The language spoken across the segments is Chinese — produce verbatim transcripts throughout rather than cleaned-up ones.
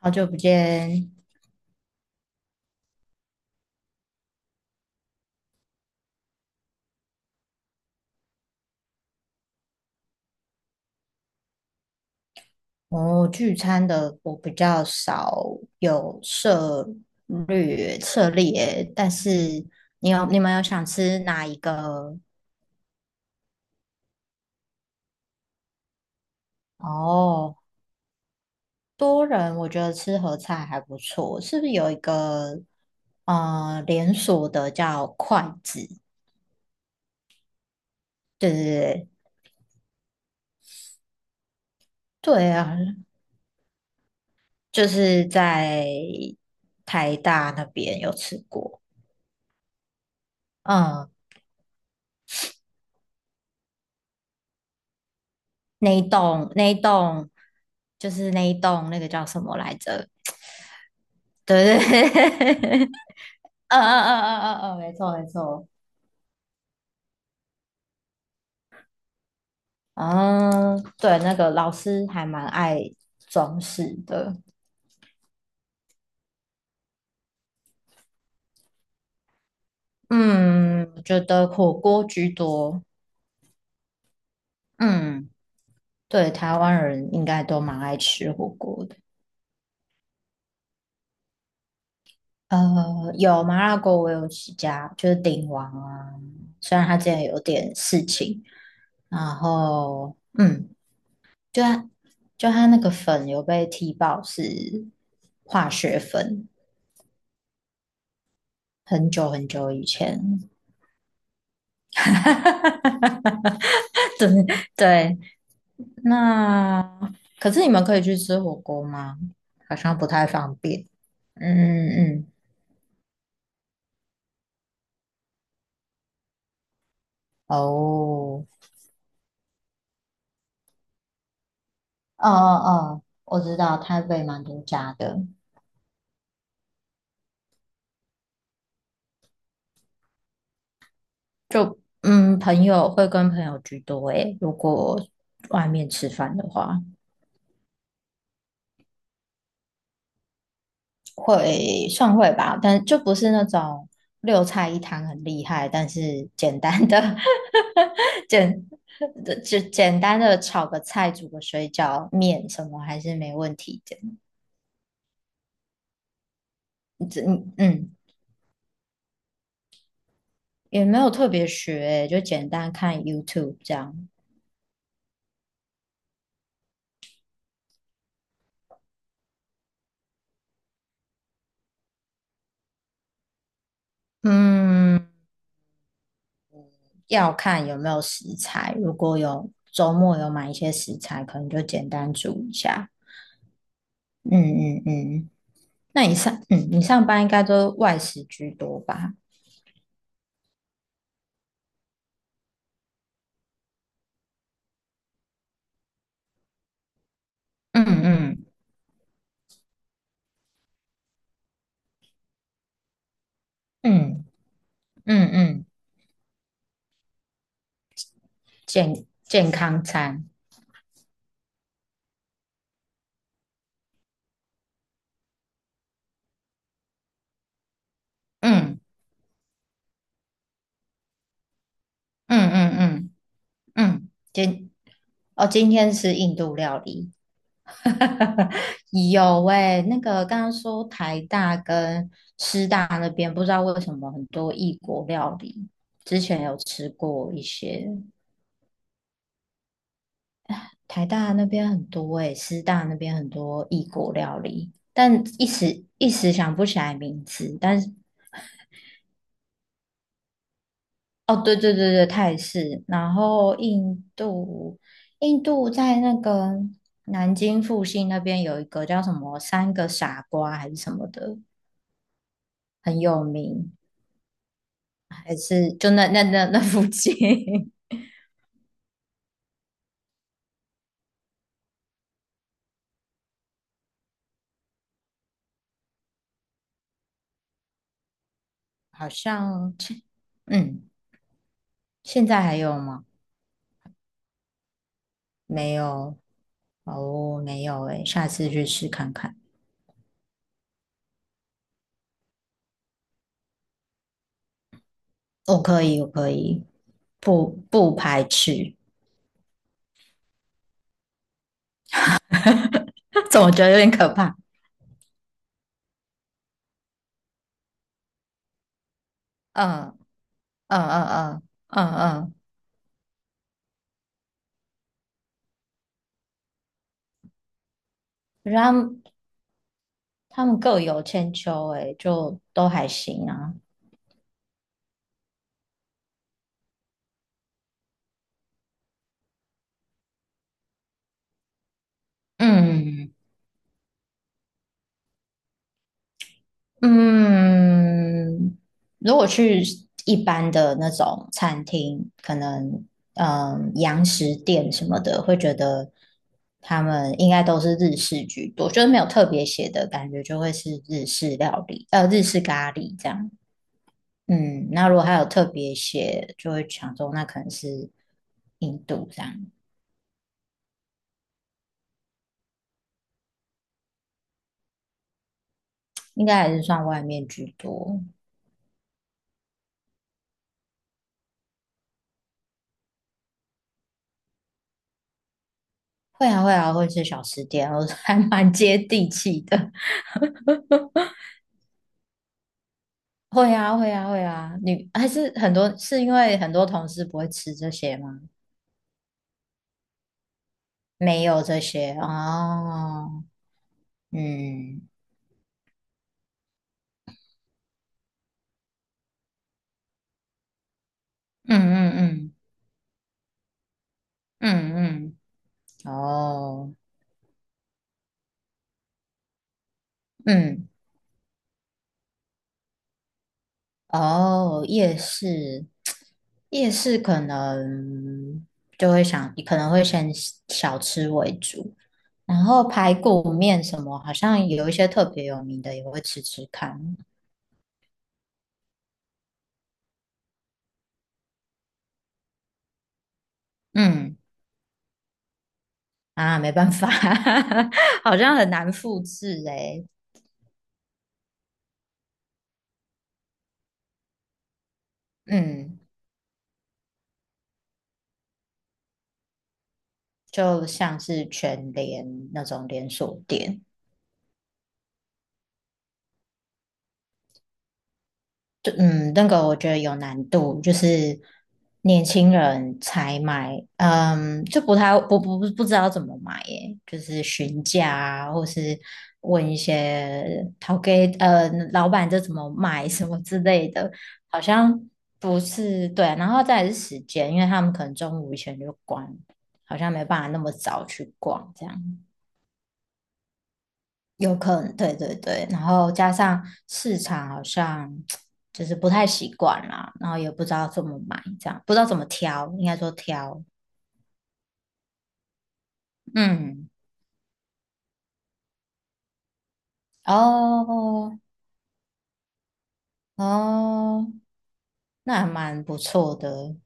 好久不见，我聚餐的我比较少有涉略涉猎，但是你有你们有想吃哪一个？哦，多人我觉得吃合菜还不错，是不是有一个呃连锁的叫筷子？对对对对啊，就是在台大那边有吃过。嗯，那一栋那一栋就是那一栋那个叫什么来着？对对对，嗯嗯嗯嗯嗯嗯，没错没错，嗯，对，那个老师还蛮爱装饰的，嗯，我觉得火锅居多，嗯，对，台湾人应该都蛮爱吃火锅的。呃，有麻辣锅，我有几家，就是鼎王啊。虽然他之前有点事情，然后嗯，就它就它那个粉有被踢爆是化学粉，很久很久以前。对对，那可是你们可以去吃火锅吗？好像不太方便。嗯嗯嗯，哦，哦哦哦，我知道台北蛮多家的，就嗯，朋友会跟朋友居多诶，如果外面吃饭的话。会算会吧，但就不是那种六菜一汤很厉害，但是简单的 简就简单的炒个菜、煮个水饺、面什么还是没问题的。这嗯嗯也没有特别学欸，就简单看 YouTube 这样。嗯，要看有没有食材，如果有周末有买一些食材，可能就简单煮一下。嗯嗯嗯，那你上嗯你上班应该都外食居多吧？嗯嗯嗯嗯嗯，健健康餐，嗯嗯嗯嗯嗯，今哦，今天是印度料理，有诶、那个刚刚说台大跟师大那边，不知道为什么很多异国料理，之前有吃过一些，台大那边很多诶、师大那边很多异国料理，但一时一时想不起来名字，但哦，对对对对，泰式。然后印度，印度在那个南京附近那边有一个叫什么"三个傻瓜"还是什么的，很有名，还是就那那那那附近，好像现嗯，现在还有吗？没有哦，没有诶，下次去试看看。哦，可以，我可以，不不排斥，总觉得有点可怕。嗯嗯嗯嗯嗯嗯。我觉得他们他们各有千秋、欸，就都还行啊。嗯嗯，如果去一般的那种餐厅，可能嗯洋食店什么的，会觉得他们应该都是日式居多，就是没有特别写的感觉，就会是日式料理，呃，日式咖喱这样。嗯，那如果还有特别写，就会想说那可能是印度这样，应该还是算外面居多。会啊会啊，会吃小吃店，我 还蛮接地气的。会啊会啊会啊，你还是很多是因为很多同事不会吃这些吗？没有这些哦，嗯嗯嗯嗯嗯嗯，哦，嗯哦，夜市夜市可能就会想，可能会先小吃为主，然后排骨面什么，好像有一些特别有名的也会吃吃看。嗯啊，没办法，好像很难复制诶、嗯，就像是全联那种连锁店，对，嗯，那个我觉得有难度，就是年轻人才买，嗯，就不太不不不知道怎么买耶，就是询价啊，或是问一些淘给呃老板这怎么买什么之类的，好像不是对啊，然后再来是时间，因为他们可能中午以前就关，好像没办法那么早去逛这样。有可能，对对对，然后加上市场好像就是不太习惯啦，然后也不知道怎么买，这样不知道怎么挑，应该说挑，嗯，哦哦，那还蛮不错的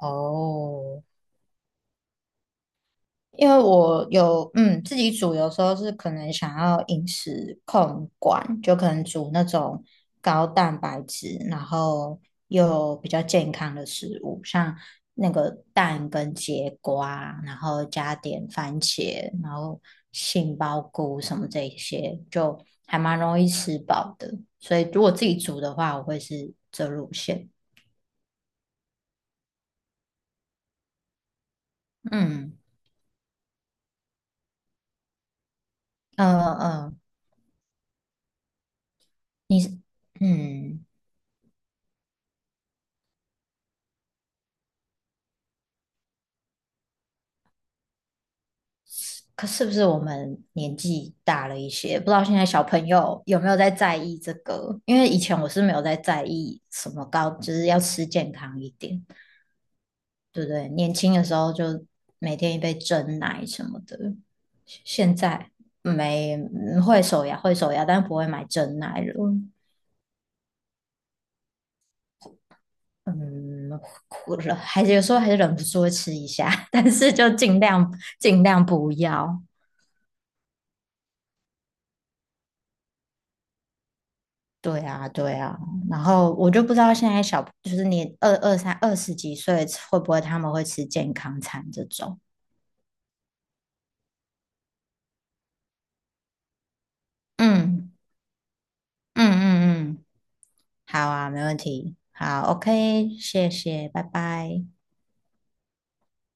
哦。因为我有嗯自己煮，有时候是可能想要饮食控管，就可能煮那种高蛋白质，然后又比较健康的食物，像那个蛋跟节瓜，然后加点番茄，然后杏鲍菇什么这一些，就还蛮容易吃饱的。所以如果自己煮的话，我会是这路线。嗯，呃呃，你是嗯。可是不是我们年纪大了一些，不知道现在小朋友有没有在在意这个？因为以前我是没有在在意什么高，就是要吃健康一点，对不对？年轻的时候就每天一杯蒸奶什么的，现在没嗯会手摇会手摇，但不会买蒸奶了。嗯，哭了，还是有时候还是忍不住会吃一下，但是就尽量尽量不要。对啊，对啊，然后我就不知道现在小，就是你二二三二十几岁会不会他们会吃健康餐这种？嗯嗯嗯嗯，好啊，没问题，好，OK，谢谢，拜拜。